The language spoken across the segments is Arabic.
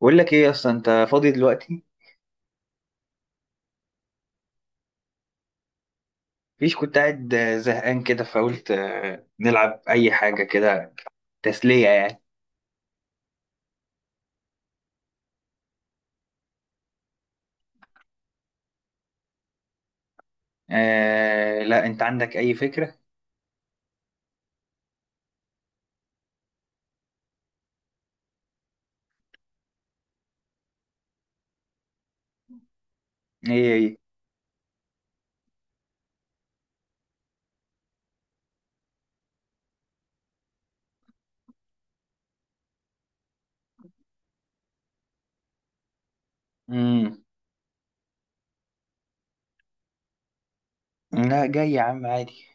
بقول لك ايه اصلا؟ انت فاضي دلوقتي؟ مفيش، كنت قاعد زهقان كده، فقلت نلعب اي حاجه كده، تسليه يعني. آه لا، انت عندك اي فكره؟ ايه ايه. امم. لا، جاي يا عم عادي.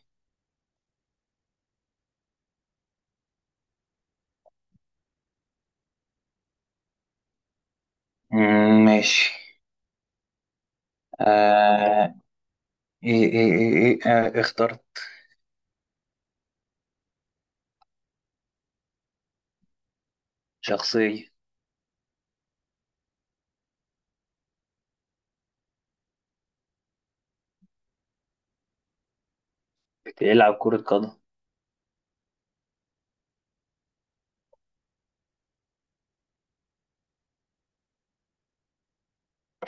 ماشي. آه. ايه. آه اخترت. شخصيه. بتلعب كره قدم.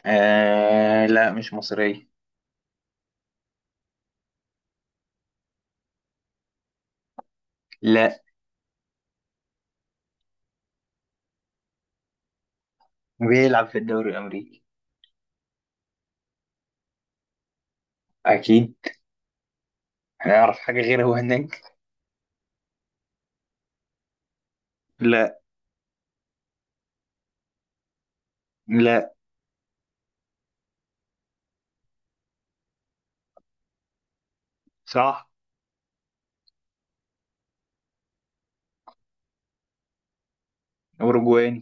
آه لا، مش مصريه. لا. بيلعب في الدوري الامريكي، اكيد. هيعرف حاجه غير هو هناك؟ لا. لا. صح. اوروجواني.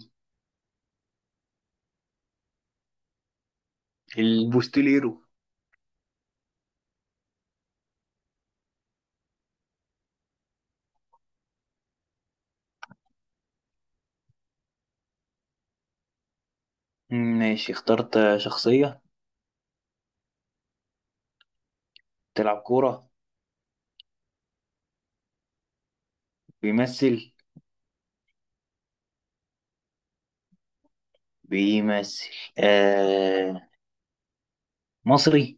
البوستيليرو. ماشي اخترت شخصية. تلعب كورة. بيمثل. بيمثل. آه. مصري.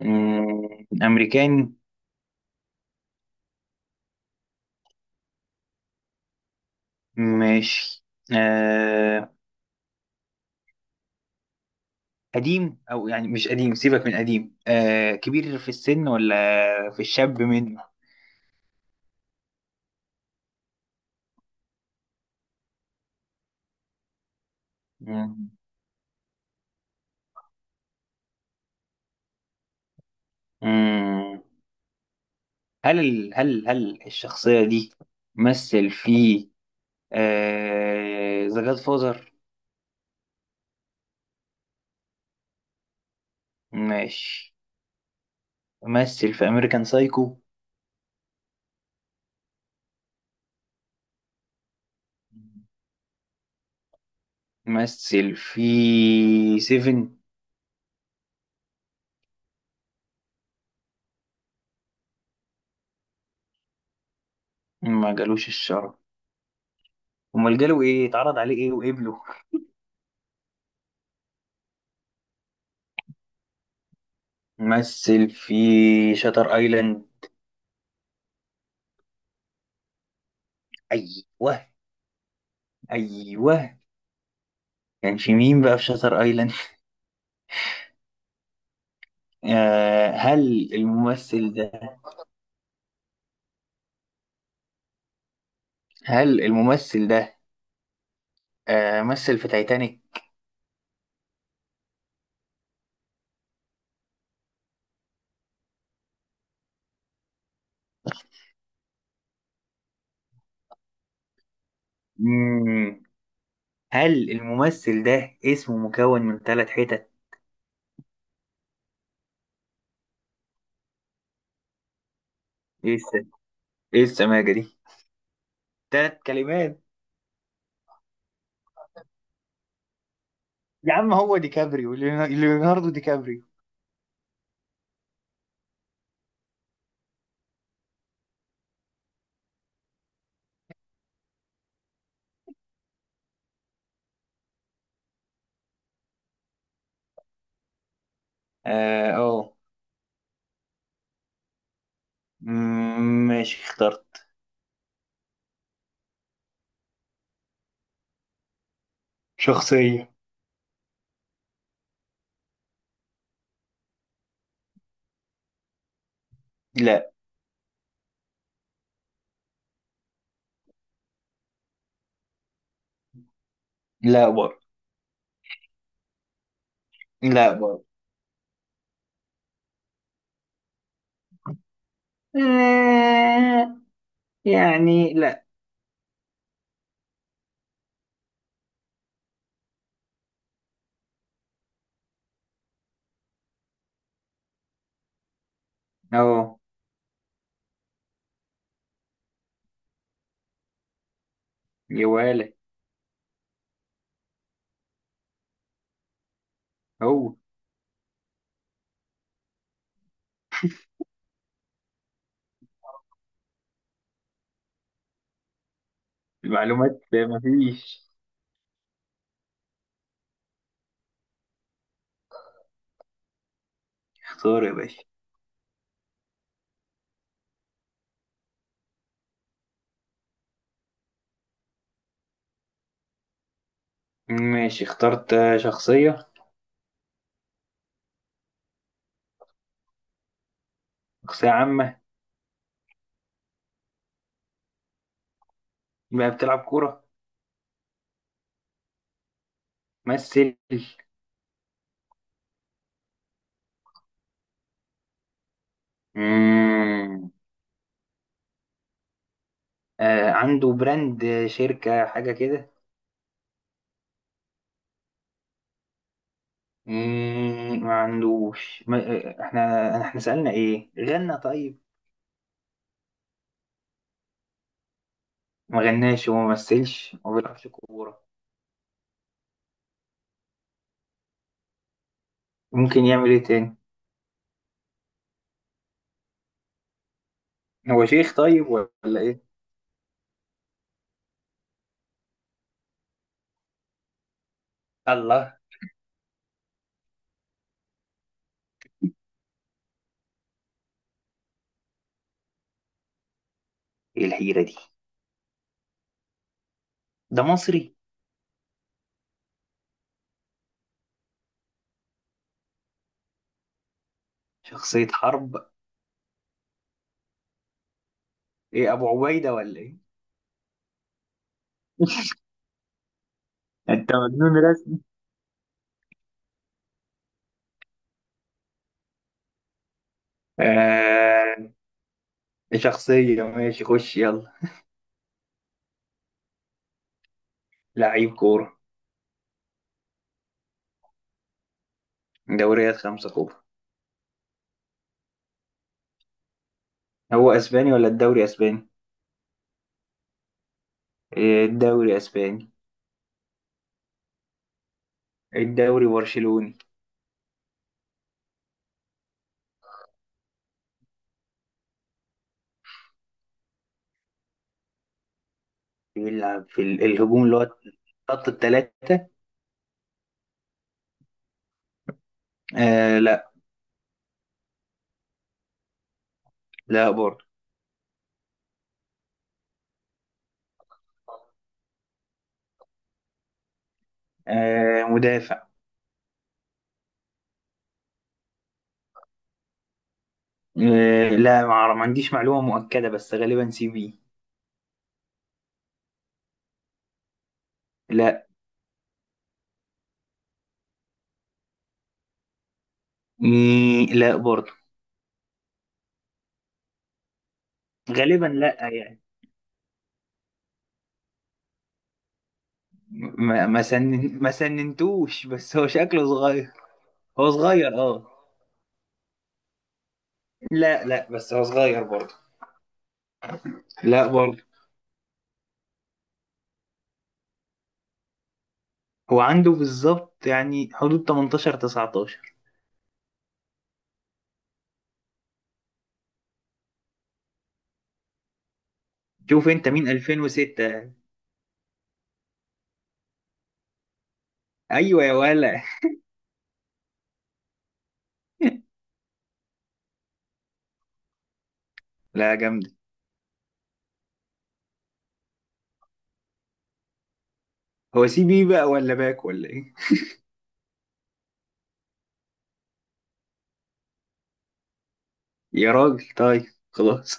أمريكاني. ماشي. آه. قديم أو يعني مش قديم، سيبك من قديم، آه كبير في السن ولا في الشاب منه؟ مم. مم. هل ال- هل هل الشخصية دي مثل في ذا جاد فازر؟ ماشي. مثل في أمريكان سايكو؟ مثل في سيفن؟ ما جالوش الشرف؟ امال جاله ايه؟ اتعرض عليه ايه وقبله؟ مثل في شاتر ايلاند؟ ايوه. ايوه. كان في مين بقى في شاتر ايلاند؟ آه، هل الممثل ده، هل الممثل ده آه مثل في تايتانيك؟ مم. هل الممثل ده اسمه مكون من ثلاث حتت؟ ايه الس- ايه السماجة دي؟ ثلاث كلمات. يا عم هو ديكابريو، ليوناردو ديكابريو. اه أوه. ماشي اخترت شخصية. لا. لا برضه. لا برضه. آه، يعني لا. اهو. يا ولا. هو. المعلومات مفيش. اختار يا باشا. ماشي اخترت شخصية. شخصية عامة. بقى بتلعب كورة؟ ممثل؟ مم، آه، عنده براند، شركة حاجة كده؟ ما عندوش. ما آه، احنا سألنا ايه؟ غنى طيب؟ ما غناش وما مثلش وما بيلعبش كورة، ممكن يعمل ايه تاني؟ هو شيخ طيب ولا ايه؟ الله. ايه الحيرة دي؟ ده مصري؟ شخصية حرب. ايه، ابو عبيدة ولا ايه؟ انت مجنون رسمي. آه شخصية، ماشي خش يلا. لعيب كورة. دوريات خمسة كورة. هو اسباني ولا الدوري اسباني؟ إيه، الدوري اسباني. الدوري برشلوني. بيلعب في الهجوم، اللي هو خط التلاتة؟ آه لا. لا برضه. آه مدافع. لا، ما عنديش معلومة مؤكدة، بس غالبا سي بي. لا. مي لا برضه. غالبا لا يعني. ما سننتوش، بس هو شكله صغير. هو صغير اه. لا لا، بس هو صغير برضه. لا برضه. هو عنده بالظبط يعني حدود 18 19. شوف انت مين 2006. ايوه يا ولا. لا جامد. هو سي بي بقى ولا باك ولا ايه؟ يا راجل طيب. خلاص.